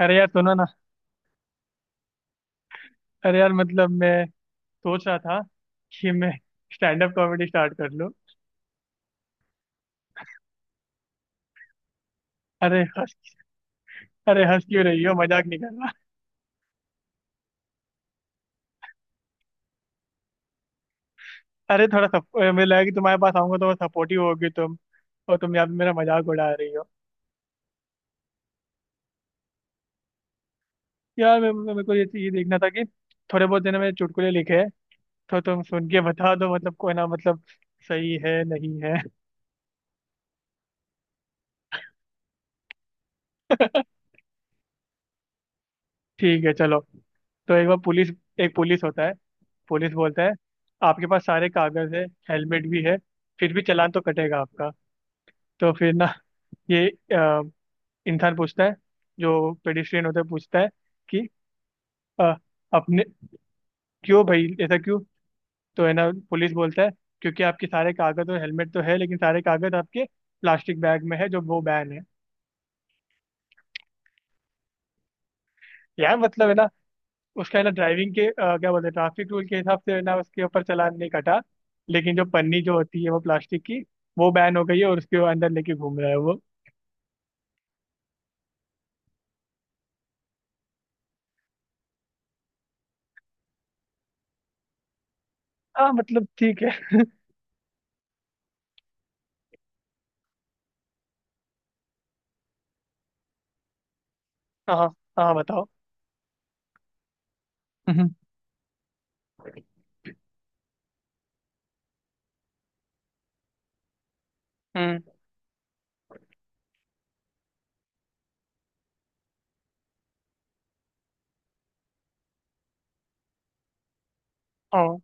अरे यार, सुनो ना। अरे यार, मतलब मैं सोच रहा था कि मैं स्टैंड अप कॉमेडी स्टार्ट कर लूं। अरे हंस अरे हंस क्यों रही हो, मजाक नहीं कर रहा। अरे थोड़ा मुझे लगा कि तुम्हारे पास आऊंगा तो सपोर्टिव होगी तुम। और तुम यहाँ पे मेरा मजाक उड़ा रही हो। यार, मेरे को ये देखना था कि थोड़े बहुत देर मैंने चुटकुले लिखे हैं। तो तुम सुन के बता दो, मतलब कोई ना, मतलब सही है नहीं है। ठीक है, चलो। तो एक पुलिस होता है। पुलिस बोलता है, आपके पास सारे कागज है, हेलमेट भी है, फिर भी चालान तो कटेगा आपका। तो फिर ना, ये अ, इंसान पूछता है, जो पेडिस्ट्रियन होता है पूछता है कि अ, अपने, क्यों भाई, ऐसा क्यों? तो है ना, पुलिस बोलता है, क्योंकि आपके सारे कागज और हेलमेट तो है, लेकिन सारे कागज आपके प्लास्टिक बैग में है जो वो बैन है। यार मतलब है ना, उसका है ना, ड्राइविंग के क्या बोलते हैं, ट्रैफिक रूल के हिसाब से है ना, उसके ऊपर चालान नहीं कटा। लेकिन जो पन्नी जो होती है वो प्लास्टिक की, वो बैन हो गई है और उसके वो अंदर लेके घूम रहा है वो। हाँ मतलब ठीक है। हाँ हाँ, बताओ। हम्म हम्म, हाँ।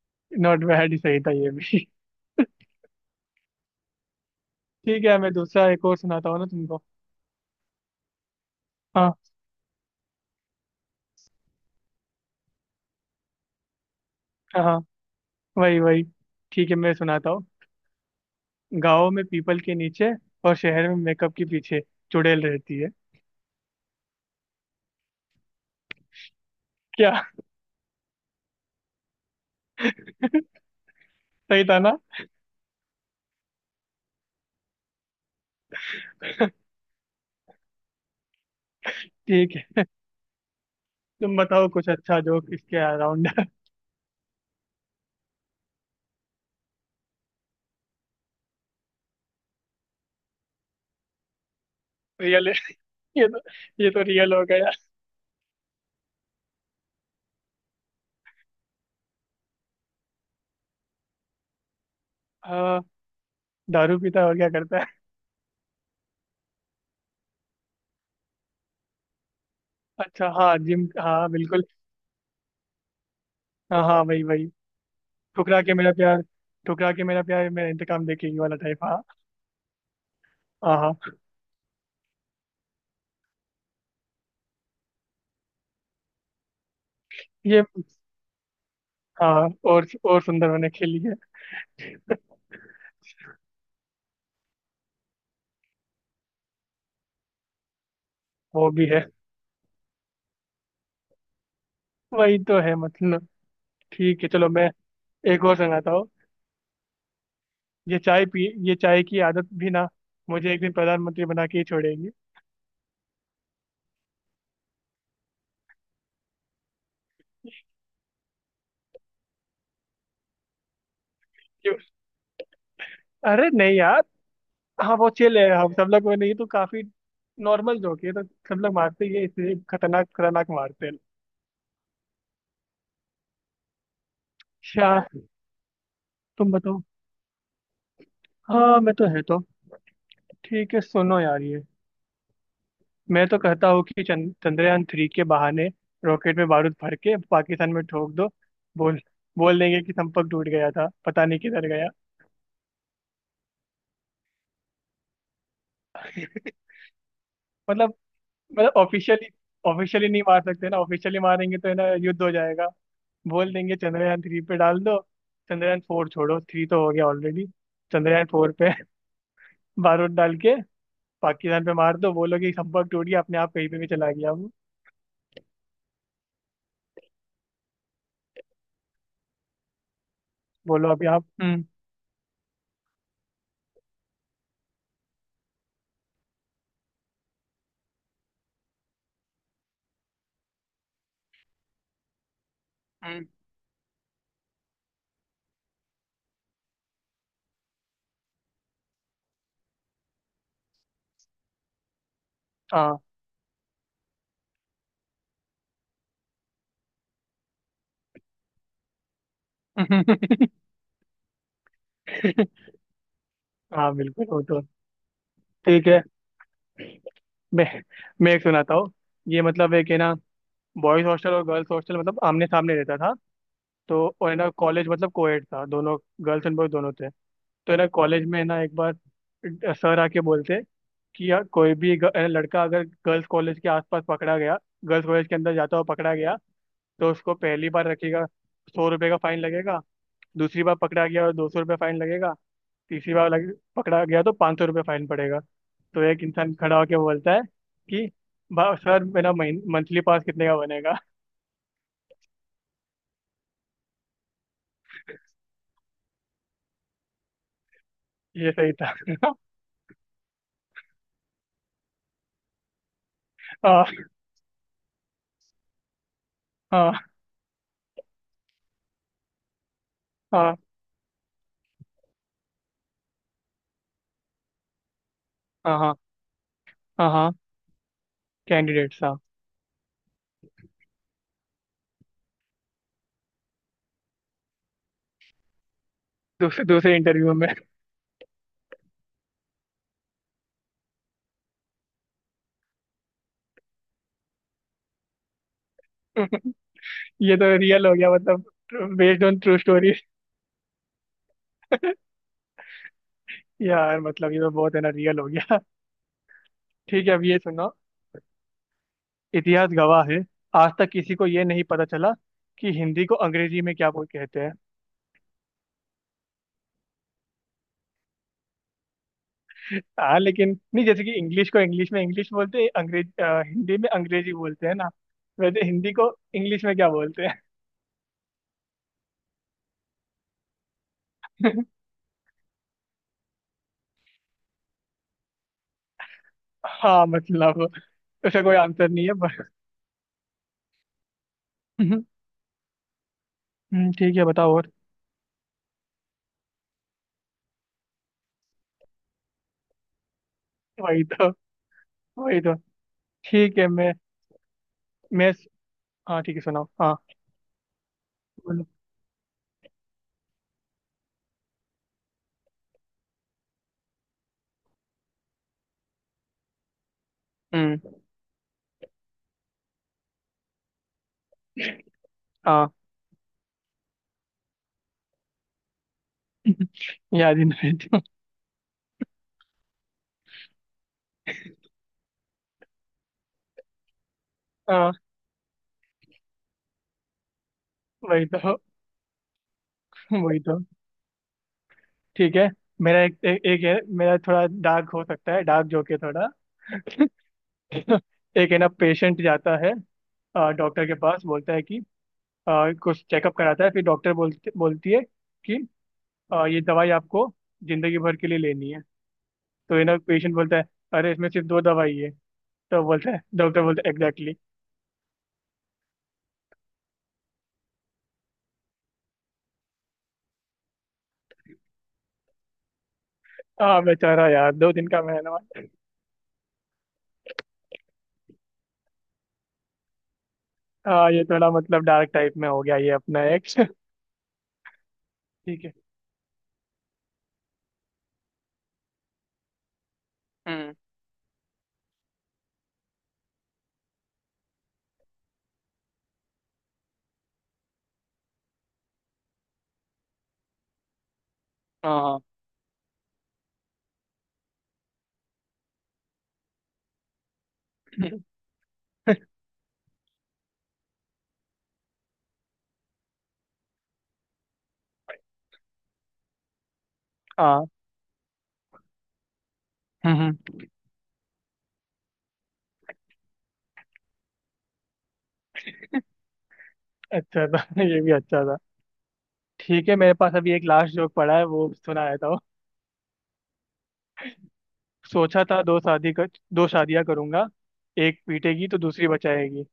नॉट बैड, ही सही था ये भी। ठीक है, मैं दूसरा एक और सुनाता हूँ ना तुमको। हाँ हाँ हाँ, वही वही। ठीक है, मैं सुनाता हूँ। गाँव में पीपल के नीचे और शहर में मेकअप के पीछे चुड़ैल रहती है। क्या? सही था ना? ठीक है। तुम बताओ कुछ अच्छा जोक इसके अराउंड। रियल है ये तो, ये तो रियल हो गया। हाँ, दारू पीता है और क्या करता है? अच्छा हाँ, जिम, हाँ बिल्कुल। हाँ हाँ, वही वही। ठुकरा के मेरा प्यार, ठुकरा के मेरा प्यार, मेरा इंतकाम देखेगी वाला टाइप, हाँ। हाँ हाँ, ये, हाँ, और सुंदर होने के लिए। वो भी है, वही तो है मतलब। ठीक है, चलो मैं एक और सुनाता हूँ। ये चाय की आदत भी ना मुझे एक दिन प्रधानमंत्री बना के ही छोड़ेगी। क्यों? अरे नहीं। हाँ वो चिल है, हम सब लोग, वो नहीं तो काफी नॉर्मल जोक है, तो सब लोग मारते ही है, इसलिए खतरनाक खतरनाक मारते हैं। अच्छा। तुम बताओ। हाँ, मैं तो है तो, ठीक है सुनो यार ये, मैं तो कहता हूँ कि चंद्रयान 3 के बहाने रॉकेट में बारूद भर के पाकिस्तान में ठोक दो। बोल बोल देंगे कि संपर्क टूट गया था, पता नहीं किधर गया। मतलब मतलब ऑफिशियली ऑफिशियली नहीं मार सकते ना, ऑफिशियली मारेंगे तो है ना युद्ध हो जाएगा। बोल देंगे चंद्रयान 3 पे डाल दो। चंद्रयान 4 छोड़ो, 3 तो हो गया ऑलरेडी। चंद्रयान 4 पे बारूद डाल के पाकिस्तान पे मार दो, बोलो कि संपर्क टूट गया, अपने आप कहीं पे भी चला गया वो। बोलो अभी आप। हम्म, हाँ। हाँ बिल्कुल, वो तो। ठीक है, मैं मैं एक सुनाता हूँ। ये मतलब, एक है ना, बॉयज हॉस्टल और गर्ल्स हॉस्टल मतलब आमने सामने रहता था। तो और है ना, कॉलेज मतलब कोएड था दोनों। गर्ल्स एंड बॉयज दोनों थे। तो है ना, कॉलेज में है ना एक बार सर आके बोलते कि यार, कोई भी लड़का अगर गर्ल्स कॉलेज के आसपास पकड़ा गया, गर्ल्स कॉलेज के अंदर जाता हुआ पकड़ा गया, तो उसको पहली बार रखेगा, 100 रुपये का फाइन लगेगा। दूसरी बार पकड़ा गया तो 200 रुपये फाइन लगेगा। तीसरी बार पकड़ा गया तो 500 रुपये फाइन पड़ेगा। तो एक इंसान खड़ा होकर बोलता है कि सर, मेरा मंथली पास कितने का बनेगा?" ये सही था। हाँ हाँ हाँ हाँ हाँ हाँ हाँ। कैंडिडेट, हाँ। दूसरे दूसरे इंटरव्यू में। ये तो रियल हो गया मतलब। Based on true story. यार मतलब ये तो बहुत है ना, रियल हो गया। ठीक है, अब ये सुनो। इतिहास गवाह है, आज तक किसी को ये नहीं पता चला कि हिंदी को अंग्रेजी में क्या बोल कहते हैं। हाँ लेकिन नहीं, जैसे कि इंग्लिश को इंग्लिश में इंग्लिश बोलते हैं, अंग्रेज हिंदी में अंग्रेजी बोलते हैं ना, वैसे हिंदी को इंग्लिश में क्या बोलते हैं? हाँ मतलब उसका कोई आंसर नहीं है पर। ठीक है बताओ और। वही तो, वही तो। ठीक है, मैं, हाँ ठीक है सुनाओ, हाँ बोलो। हम्म, हाँ। याद ही नहीं। हाँ, वही तो, वही तो। ठीक है, मेरा एक है मेरा, थोड़ा डार्क हो सकता है, डार्क जोक है थोड़ा। एक है ना, पेशेंट जाता है डॉक्टर के पास, बोलता है कि कुछ चेकअप कराता है, फिर डॉक्टर बोलती बोलती है कि ये दवाई आपको जिंदगी भर के लिए लेनी है। तो ये ना पेशेंट बोलता है, अरे इसमें सिर्फ दो दवाई है। तो बोलता है, डॉक्टर बोलता है, एग्जैक्टली। हाँ बेचारा, यार 2 दिन का मेहनत। हाँ ये थोड़ा मतलब डार्क टाइप में हो गया, ये अपना एक। ठीक है। हम्म हाँ हाँ हम्म, अच्छा था। ये भी अच्छा था। ठीक है, मेरे पास अभी एक लास्ट जोक पड़ा है, वो सुना देता हूँ। सोचा था दो शादी कर दो शादियां करूंगा, एक पीटेगी तो दूसरी बचाएगी।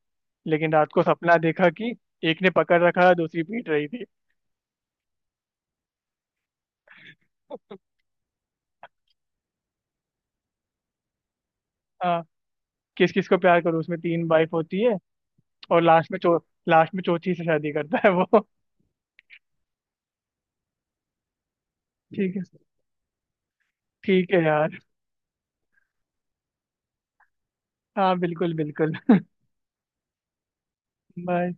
लेकिन रात को सपना देखा कि एक ने पकड़ रखा, दूसरी पीट रही थी। हाँ, किस किस को प्यार करूँ, उसमें तीन वाइफ होती है, और लास्ट में चौथी से शादी करता है वो। ठीक है, ठीक है यार। हाँ बिल्कुल बिल्कुल। बाय।